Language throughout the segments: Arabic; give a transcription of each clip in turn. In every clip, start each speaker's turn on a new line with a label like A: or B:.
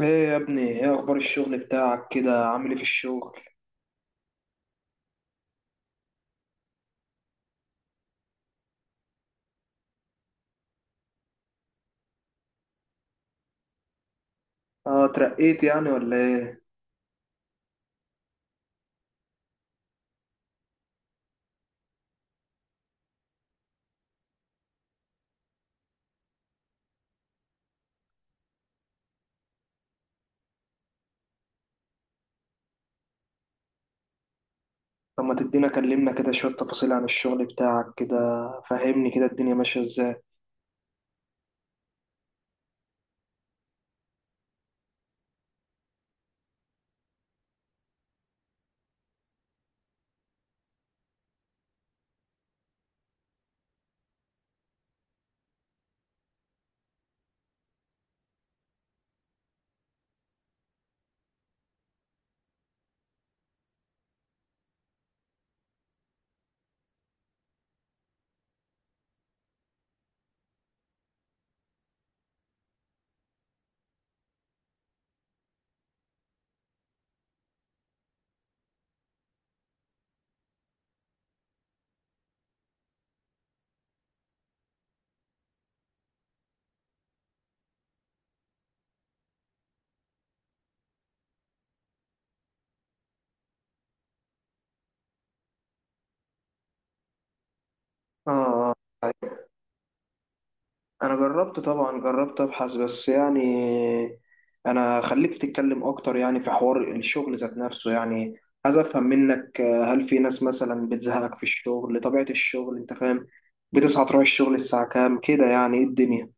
A: ايه يا ابني، ايه اخبار الشغل بتاعك؟ كده عامل ايه في الشغل؟ اه، اترقيت يعني ولا ايه؟ طب ما تدينا كلمنا كده شوية تفاصيل عن الشغل بتاعك كده. فهمني كده الدنيا ماشية ازاي. اه، آه. انا جربت طبعا، جربت ابحث بس. يعني انا خليك تتكلم اكتر، يعني في حوار الشغل ذات نفسه، يعني عايز افهم منك. هل في ناس مثلا بتزهقك في الشغل؟ طبيعة الشغل، انت فاهم؟ بتصحى تروح الشغل الساعة كام كده؟ يعني ايه الدنيا؟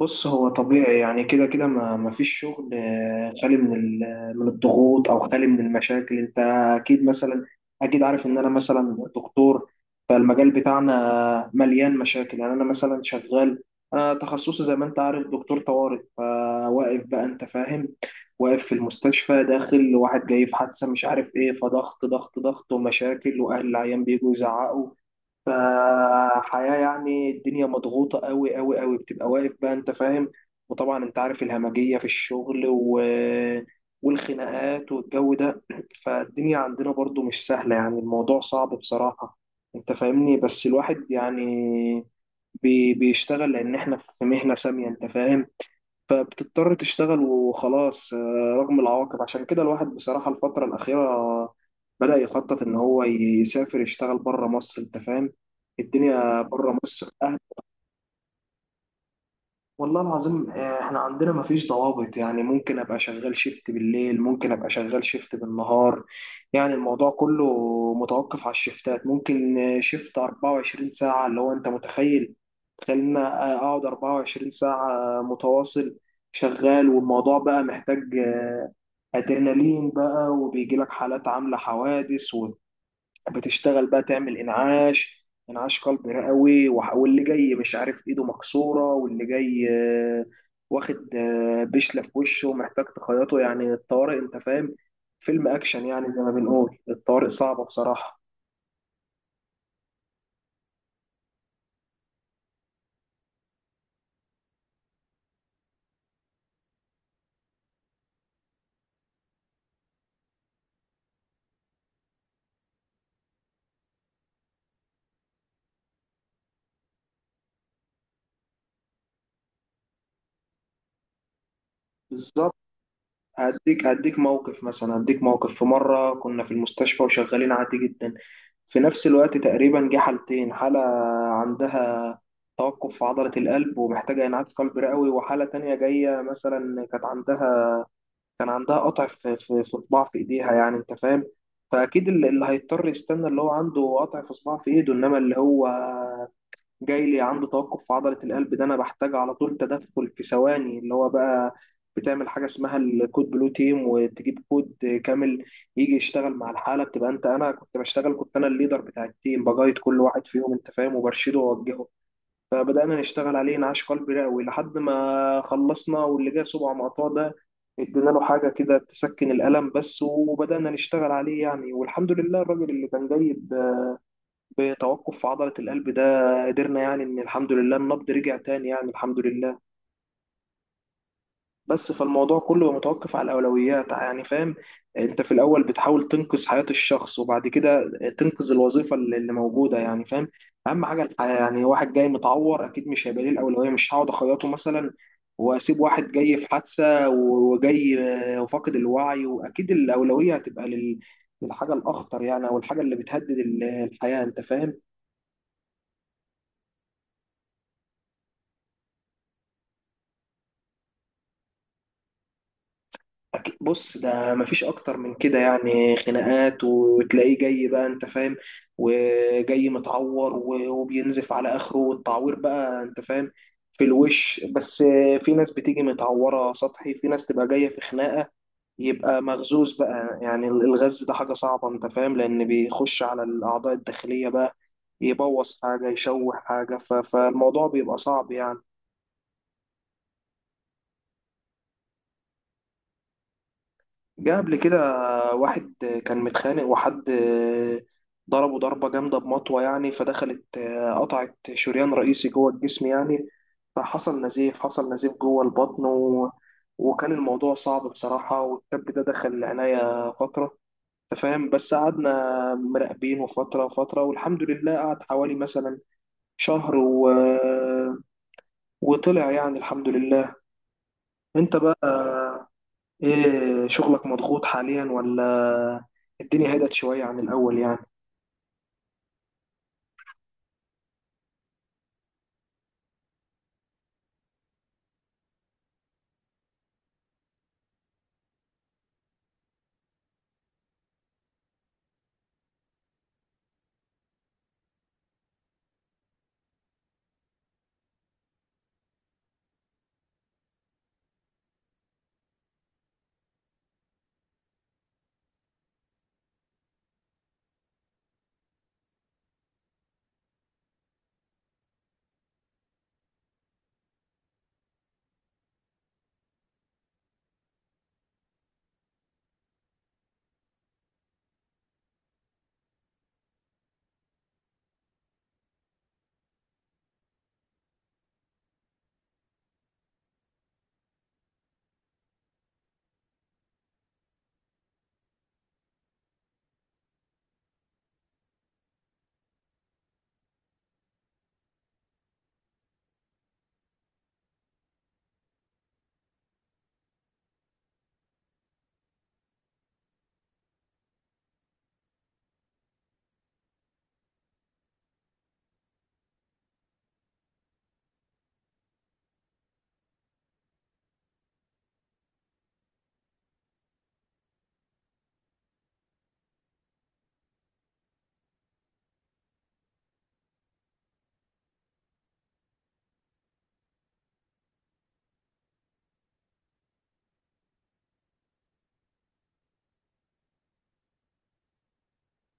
A: بص، هو طبيعي يعني، كده كده ما فيش شغل خالي من من الضغوط، او خالي من المشاكل، انت اكيد مثلا، اكيد عارف ان انا مثلا دكتور. فالمجال بتاعنا مليان مشاكل يعني. انا مثلا شغال، انا تخصصي زي ما انت عارف دكتور طوارئ، فواقف بقى، انت فاهم؟ واقف في المستشفى، داخل واحد جاي في حادثة مش عارف ايه، فضغط ضغط ضغط ومشاكل، واهل العيان بيجوا يزعقوا. فحياة، يعني الدنيا مضغوطة قوي قوي قوي، بتبقى واقف بقى، انت فاهم؟ وطبعا انت عارف الهمجية في الشغل والخناقات والجو ده. فالدنيا عندنا برضو مش سهلة، يعني الموضوع صعب بصراحة، انت فاهمني؟ بس الواحد يعني بيشتغل، لان احنا في مهنة سامية، انت فاهم. فبتضطر تشتغل وخلاص، رغم العواقب. عشان كده الواحد بصراحة الفترة الأخيرة بدأ يخطط إن هو يسافر يشتغل بره مصر، أنت فاهم، الدنيا بره مصر. والله العظيم، احنا عندنا مفيش ضوابط. يعني ممكن ابقى شغال شيفت بالليل، ممكن ابقى شغال شيفت بالنهار. يعني الموضوع كله متوقف على الشيفتات. ممكن شيفت 24 ساعة، اللي هو انت متخيل؟ تخيل ان أنا اقعد 24 ساعة متواصل شغال، والموضوع بقى محتاج آه، ادرينالين بقى. وبيجي لك حالات عاملة حوادث، بتشتغل بقى تعمل انعاش قلب رئوي، واللي جاي مش عارف ايده مكسوره، واللي جاي واخد بشله في وشه ومحتاج تخيطه. يعني الطوارئ، انت فاهم، فيلم اكشن يعني. زي ما بنقول، الطوارئ صعبه بصراحه. بالظبط. هديك موقف مثلا، هديك موقف في مرة كنا في المستشفى وشغالين عادي جدا، في نفس الوقت تقريبا جه حالتين. حالة عندها توقف في عضلة القلب ومحتاجة إنعاش قلبي رئوي، وحالة تانية جاية مثلا كانت عندها، كان عندها قطع في صباع في إيديها، يعني أنت فاهم. فأكيد اللي هيضطر يستنى اللي هو عنده قطع في صباع في إيده، إنما اللي هو جاي لي عنده توقف في عضلة القلب ده أنا بحتاج على طول تدخل في ثواني. اللي هو بقى بتعمل حاجة اسمها الكود بلو تيم، وتجيب كود كامل يجي يشتغل مع الحالة. بتبقى أنت، أنا كنت بشتغل، كنت أنا الليدر بتاع التيم، بجايد كل واحد فيهم، أنت فاهم، وبرشده وأوجهه. فبدأنا نشتغل عليه انعاش قلبي رئوي لحد ما خلصنا. واللي جه صباع مقطوع ده ادينا له حاجة كده تسكن الألم بس، وبدأنا نشتغل عليه يعني. والحمد لله، الراجل اللي كان جاي بتوقف في عضلة القلب ده قدرنا يعني، إن الحمد لله النبض رجع تاني، يعني الحمد لله. بس فالموضوع كله متوقف على الأولويات، يعني فاهم. أنت في الأول بتحاول تنقذ حياة الشخص، وبعد كده تنقذ الوظيفة اللي موجودة، يعني فاهم. أهم حاجة الحياة. يعني واحد جاي متعور أكيد مش هيبقى ليه الأولوية، مش هقعد أخيطه مثلا وأسيب واحد جاي في حادثة وجاي وفاقد الوعي. وأكيد الأولوية هتبقى للحاجة الأخطر، يعني أو الحاجة اللي بتهدد الحياة، أنت فاهم. بص، ده مفيش اكتر من كده، يعني خناقات وتلاقيه جاي بقى، انت فاهم، وجاي متعور وبينزف على اخره، والتعوير بقى، انت فاهم، في الوش بس. في ناس بتيجي متعورة سطحي، في ناس تبقى جاية في خناقة يبقى مغزوز بقى، يعني الغز ده حاجة صعبة، انت فاهم، لان بيخش على الاعضاء الداخلية بقى، يبوظ حاجة، يشوه حاجة. فالموضوع بيبقى صعب يعني. جه قبل كده واحد كان متخانق، وحد ضربه ضربة جامدة بمطوة، يعني فدخلت قطعت شريان رئيسي جوه الجسم يعني. فحصل نزيف، حصل نزيف جوه البطن، وكان الموضوع صعب بصراحة. والشاب ده دخل العناية فترة، أنت فاهم، بس قعدنا مراقبينه فترة فترة، والحمد لله قعد حوالي مثلا شهر وطلع، يعني الحمد لله. انت بقى ايه، شغلك مضغوط حاليا ولا الدنيا هدت شوية عن الأول يعني؟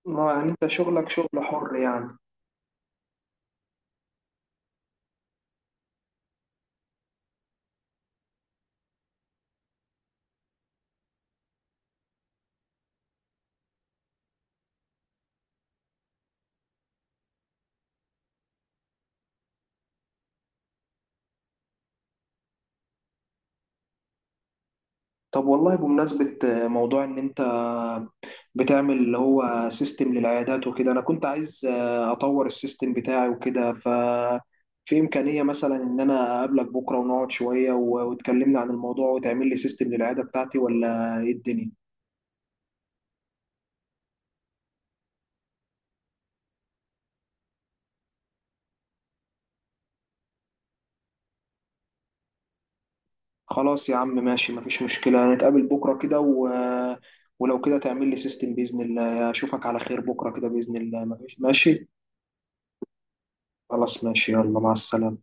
A: ما يعني انت شغلك شغل حر يعني. طب والله، بمناسبة موضوع ان انت بتعمل اللي هو سيستم للعيادات وكده، انا كنت عايز اطور السيستم بتاعي وكده. ف في امكانية مثلا ان انا اقابلك بكرة ونقعد شوية وتكلمنا عن الموضوع وتعمل لي سيستم للعيادة بتاعتي، ولا ايه الدنيا؟ خلاص يا عم، ماشي، مفيش مشكلة، نتقابل بكرة كده، ولو كده تعمل لي سيستم بإذن الله. أشوفك على خير بكرة كده بإذن الله، مفيش، ماشي. خلاص ماشي، يلا مع السلامة.